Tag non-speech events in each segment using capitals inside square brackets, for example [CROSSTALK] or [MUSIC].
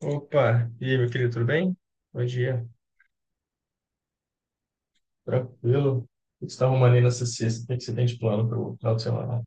Opa, e aí, meu querido, tudo bem? Bom dia, tranquilo. O que você está arrumando aí nessa sexta? O que que você tem de plano para o final de semana?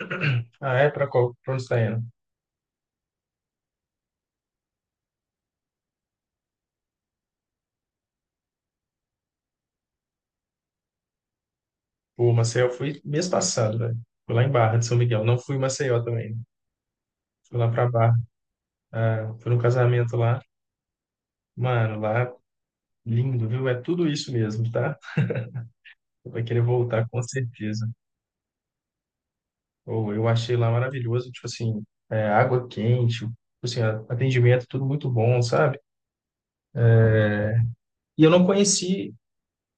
[CLEARS THROAT] Ah, é? Para qual? Para onde você está indo? Pô, Maceió, eu fui mês passado, velho. Fui lá em Barra de São Miguel. Não fui em Maceió também. Fui lá para Barra. Ah, fui num casamento lá. Mano, lá, lindo, viu? É tudo isso mesmo, tá? Você vai querer voltar com certeza. Ou eu achei lá maravilhoso, tipo assim, é, água quente, tipo assim, atendimento, tudo muito bom, sabe? E eu não conheci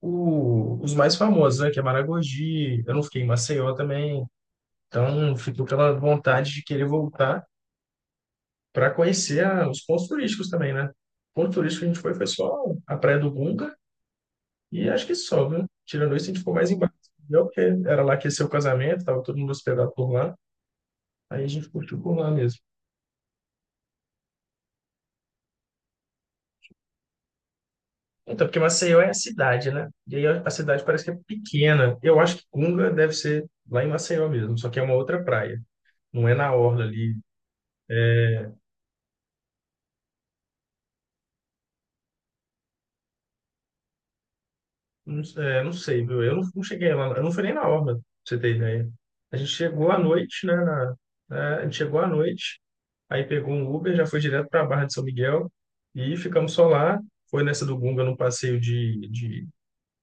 os mais famosos, né? Que é Maragogi, eu não fiquei em Maceió também, então fico pela vontade de querer voltar para conhecer os pontos turísticos também, né? O ponto turístico que a gente foi foi só a Praia do Gunga e acho que só, viu? Tirando isso, a gente ficou mais embaixo, entendeu? Porque era lá que ia ser o casamento, tava todo mundo hospedado por lá, aí a gente curtiu por lá mesmo. Então, porque Maceió é a cidade, né? E aí a cidade parece que é pequena. Eu acho que Gunga deve ser lá em Maceió mesmo, só que é uma outra praia. Não é na orla ali. Não, é, não sei, viu? Eu não, não cheguei lá, eu não fui nem na Orla, pra você ter ideia. A gente chegou à noite, né? Né, a gente chegou à noite, aí pegou um Uber, já foi direto para a Barra de São Miguel e ficamos só lá. Foi nessa do Gunga, num passeio de... que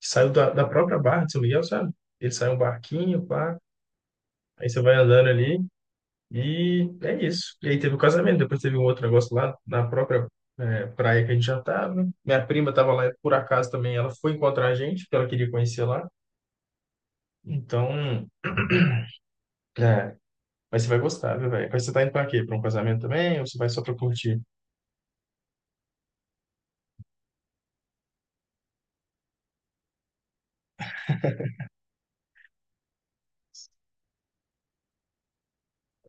saiu da própria Barra de São Miguel, sabe? Ele saiu um barquinho, pá, aí você vai andando ali e é isso. E aí teve o casamento, depois teve um outro negócio lá na própria é, praia que a gente já tava. Minha prima tava lá, por acaso também, ela foi encontrar a gente, porque ela queria conhecer lá. Então, é, mas você vai gostar, viu, velho? Mas você tá indo pra quê? Pra um casamento também? Ou você vai só pra curtir?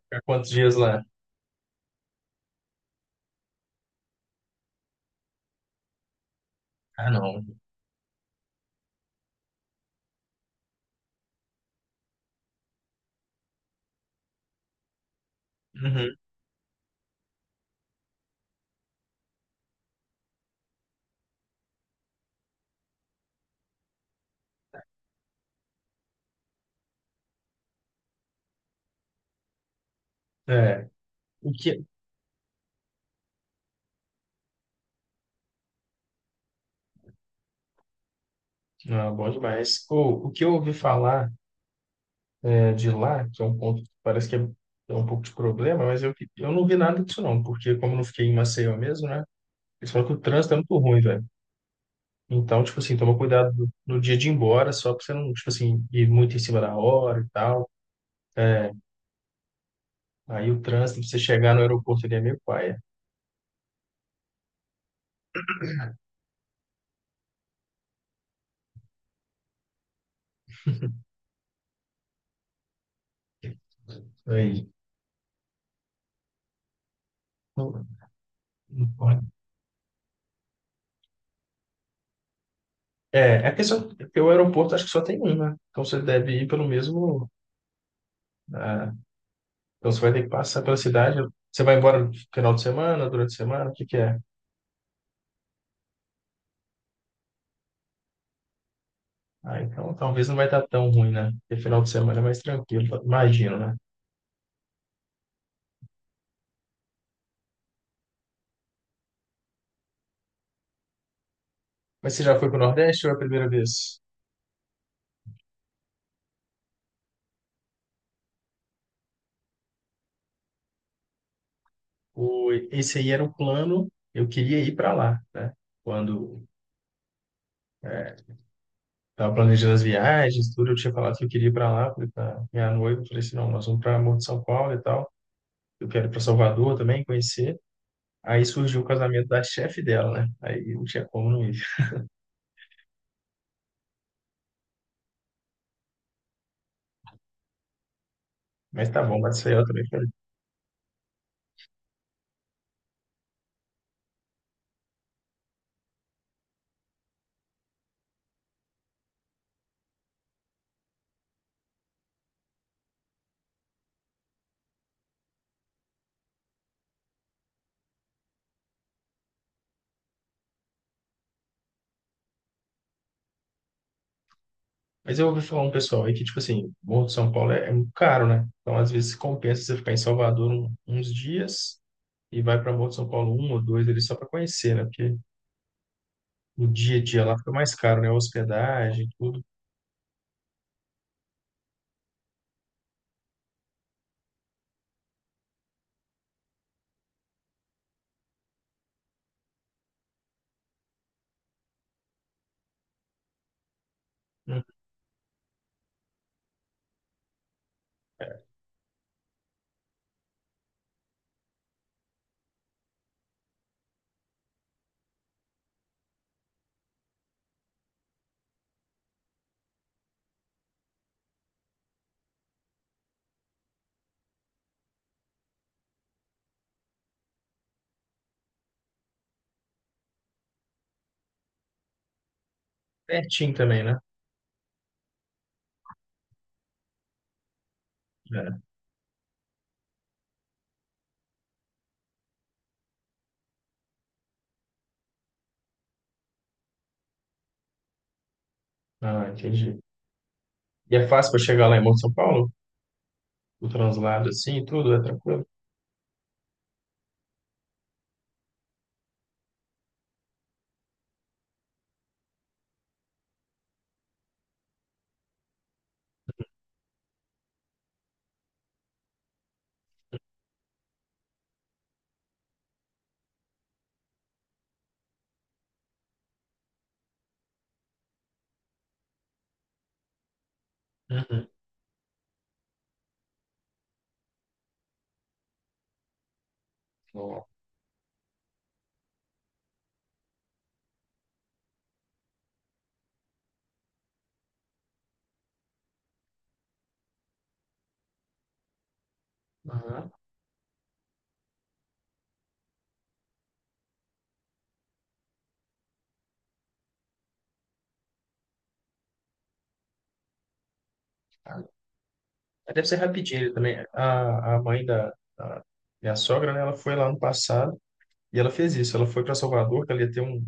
Ficar quantos dias lá? Ah, não. Uhum. É. O que... Não, bom demais. O que eu ouvi falar é, de lá, que é um ponto que parece que é, é um pouco de problema, mas eu não vi nada disso não, porque como eu não fiquei em Maceió mesmo, né? Eles falam que o trânsito é muito ruim, velho. Então, tipo assim, toma cuidado no dia de ir embora, só pra você não, tipo assim, ir muito em cima da hora e tal. É, aí o trânsito, pra você chegar no aeroporto, ele é meio paia. Aí, não, não pode. É, a questão é que o aeroporto acho que só tem um, né? Então você deve ir pelo mesmo. Ah, então você vai ter que passar pela cidade. Você vai embora no final de semana, durante a semana, o que que é? Ah, então talvez não vai estar tão ruim, né? Porque final de semana é mais tranquilo, imagino, né? Mas você já foi para o Nordeste ou é a primeira vez? O, esse aí era o plano, eu queria ir para lá, né? Quando estava planejando as viagens, tudo, eu tinha falado que eu queria ir para lá, falei para minha noiva, falei assim, não, nós vamos para Morro de São Paulo e tal. Eu quero ir para Salvador também, conhecer. Aí surgiu o casamento da chefe dela, né? Aí não tinha como não ir. Mas tá bom, Maceió também. Quero. Mas eu ouvi falar um pessoal aí que, tipo assim, Morro de São Paulo é, é muito caro, né? Então, às vezes, compensa você ficar em Salvador uns dias e vai para Morro de São Paulo um ou dois ali só para conhecer, né? Porque o dia a dia lá fica mais caro, né? Hospedagem, tudo. Hum, Pertinho também, né? É. Ah, entendi. E é fácil para chegar lá em Morro de São Paulo? O translado assim, tudo, é tranquilo? Uhum. Bom. Aham. Deve ser rapidinho também. A mãe da, a minha sogra, né, ela foi lá no passado e ela fez isso. Ela foi para Salvador, que ela ia ter um, não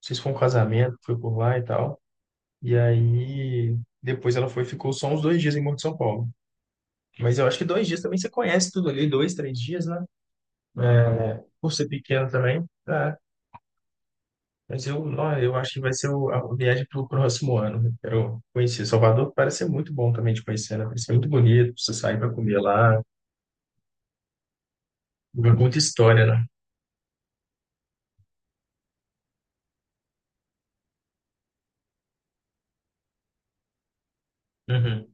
sei se foi um casamento, foi por lá e tal. E aí depois ela foi, e ficou só uns dois dias em Morro de São Paulo. Mas eu acho que dois dias também você conhece tudo ali, dois, três dias, né? É, por ser pequeno também, tá. Mas eu, ó, eu acho que vai ser a viagem para o próximo ano. Eu quero conhecer Salvador, parece ser muito bom também de conhecer, né? Parece ser muito bonito, você sair para comer lá, muita história, né? Uhum.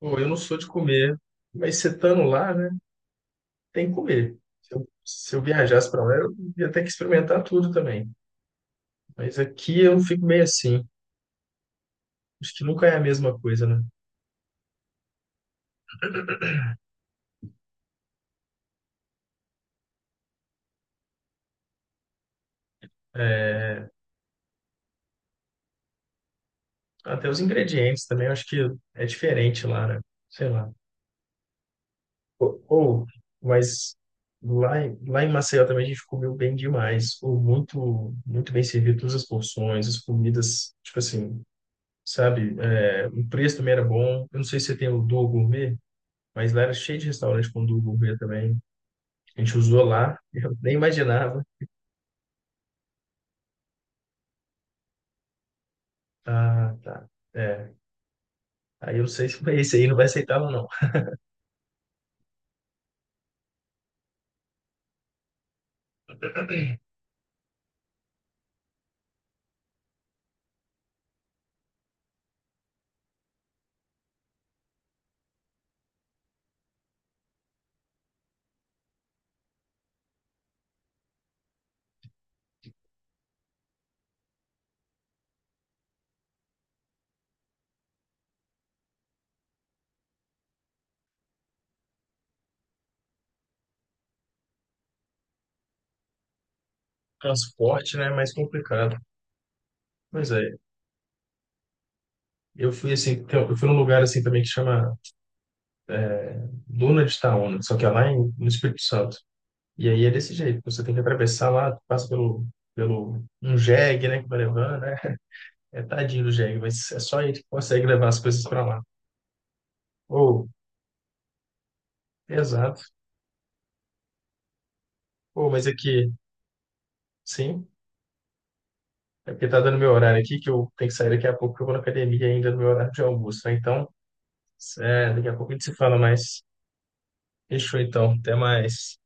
Pô, eu não sou de comer, mas você estando lá, né, tem que comer. Se eu, se eu viajasse para lá, eu ia ter que experimentar tudo também. Mas aqui eu fico meio assim. Acho que nunca é a mesma coisa, né? É, até os ingredientes também, eu acho que é diferente lá, né? Sei lá. Ou- mas lá em Maceió também a gente comeu bem demais. Ou muito, muito bem servido, todas as porções, as comidas, tipo assim, sabe? É, o preço também era bom. Eu não sei se você tem o Duo Gourmet. Mas lá era cheio de restaurante com do gourmet também. A gente usou lá, [LAUGHS] eu nem imaginava. Ah, tá. É. Aí eu não sei se esse aí não vai aceitar ou não. Transporte, né? É mais complicado. Mas é, eu fui assim, tem- um, eu fui num lugar assim também que chama Duna de Itaúna, só que é lá em, no Espírito Santo. E aí é desse jeito, você tem que atravessar lá, passa pelo, pelo um jegue, né, que vai levando, né? É tadinho do jegue, mas é só ele que consegue levar as coisas para lá. Ou, exato. Ou, mas aqui, sim. É porque tá dando meu horário aqui, que eu tenho que sair daqui a pouco, que eu vou na academia ainda no meu horário de almoço, né? Então, é, daqui a pouco a gente se fala mais. Fechou então, até mais.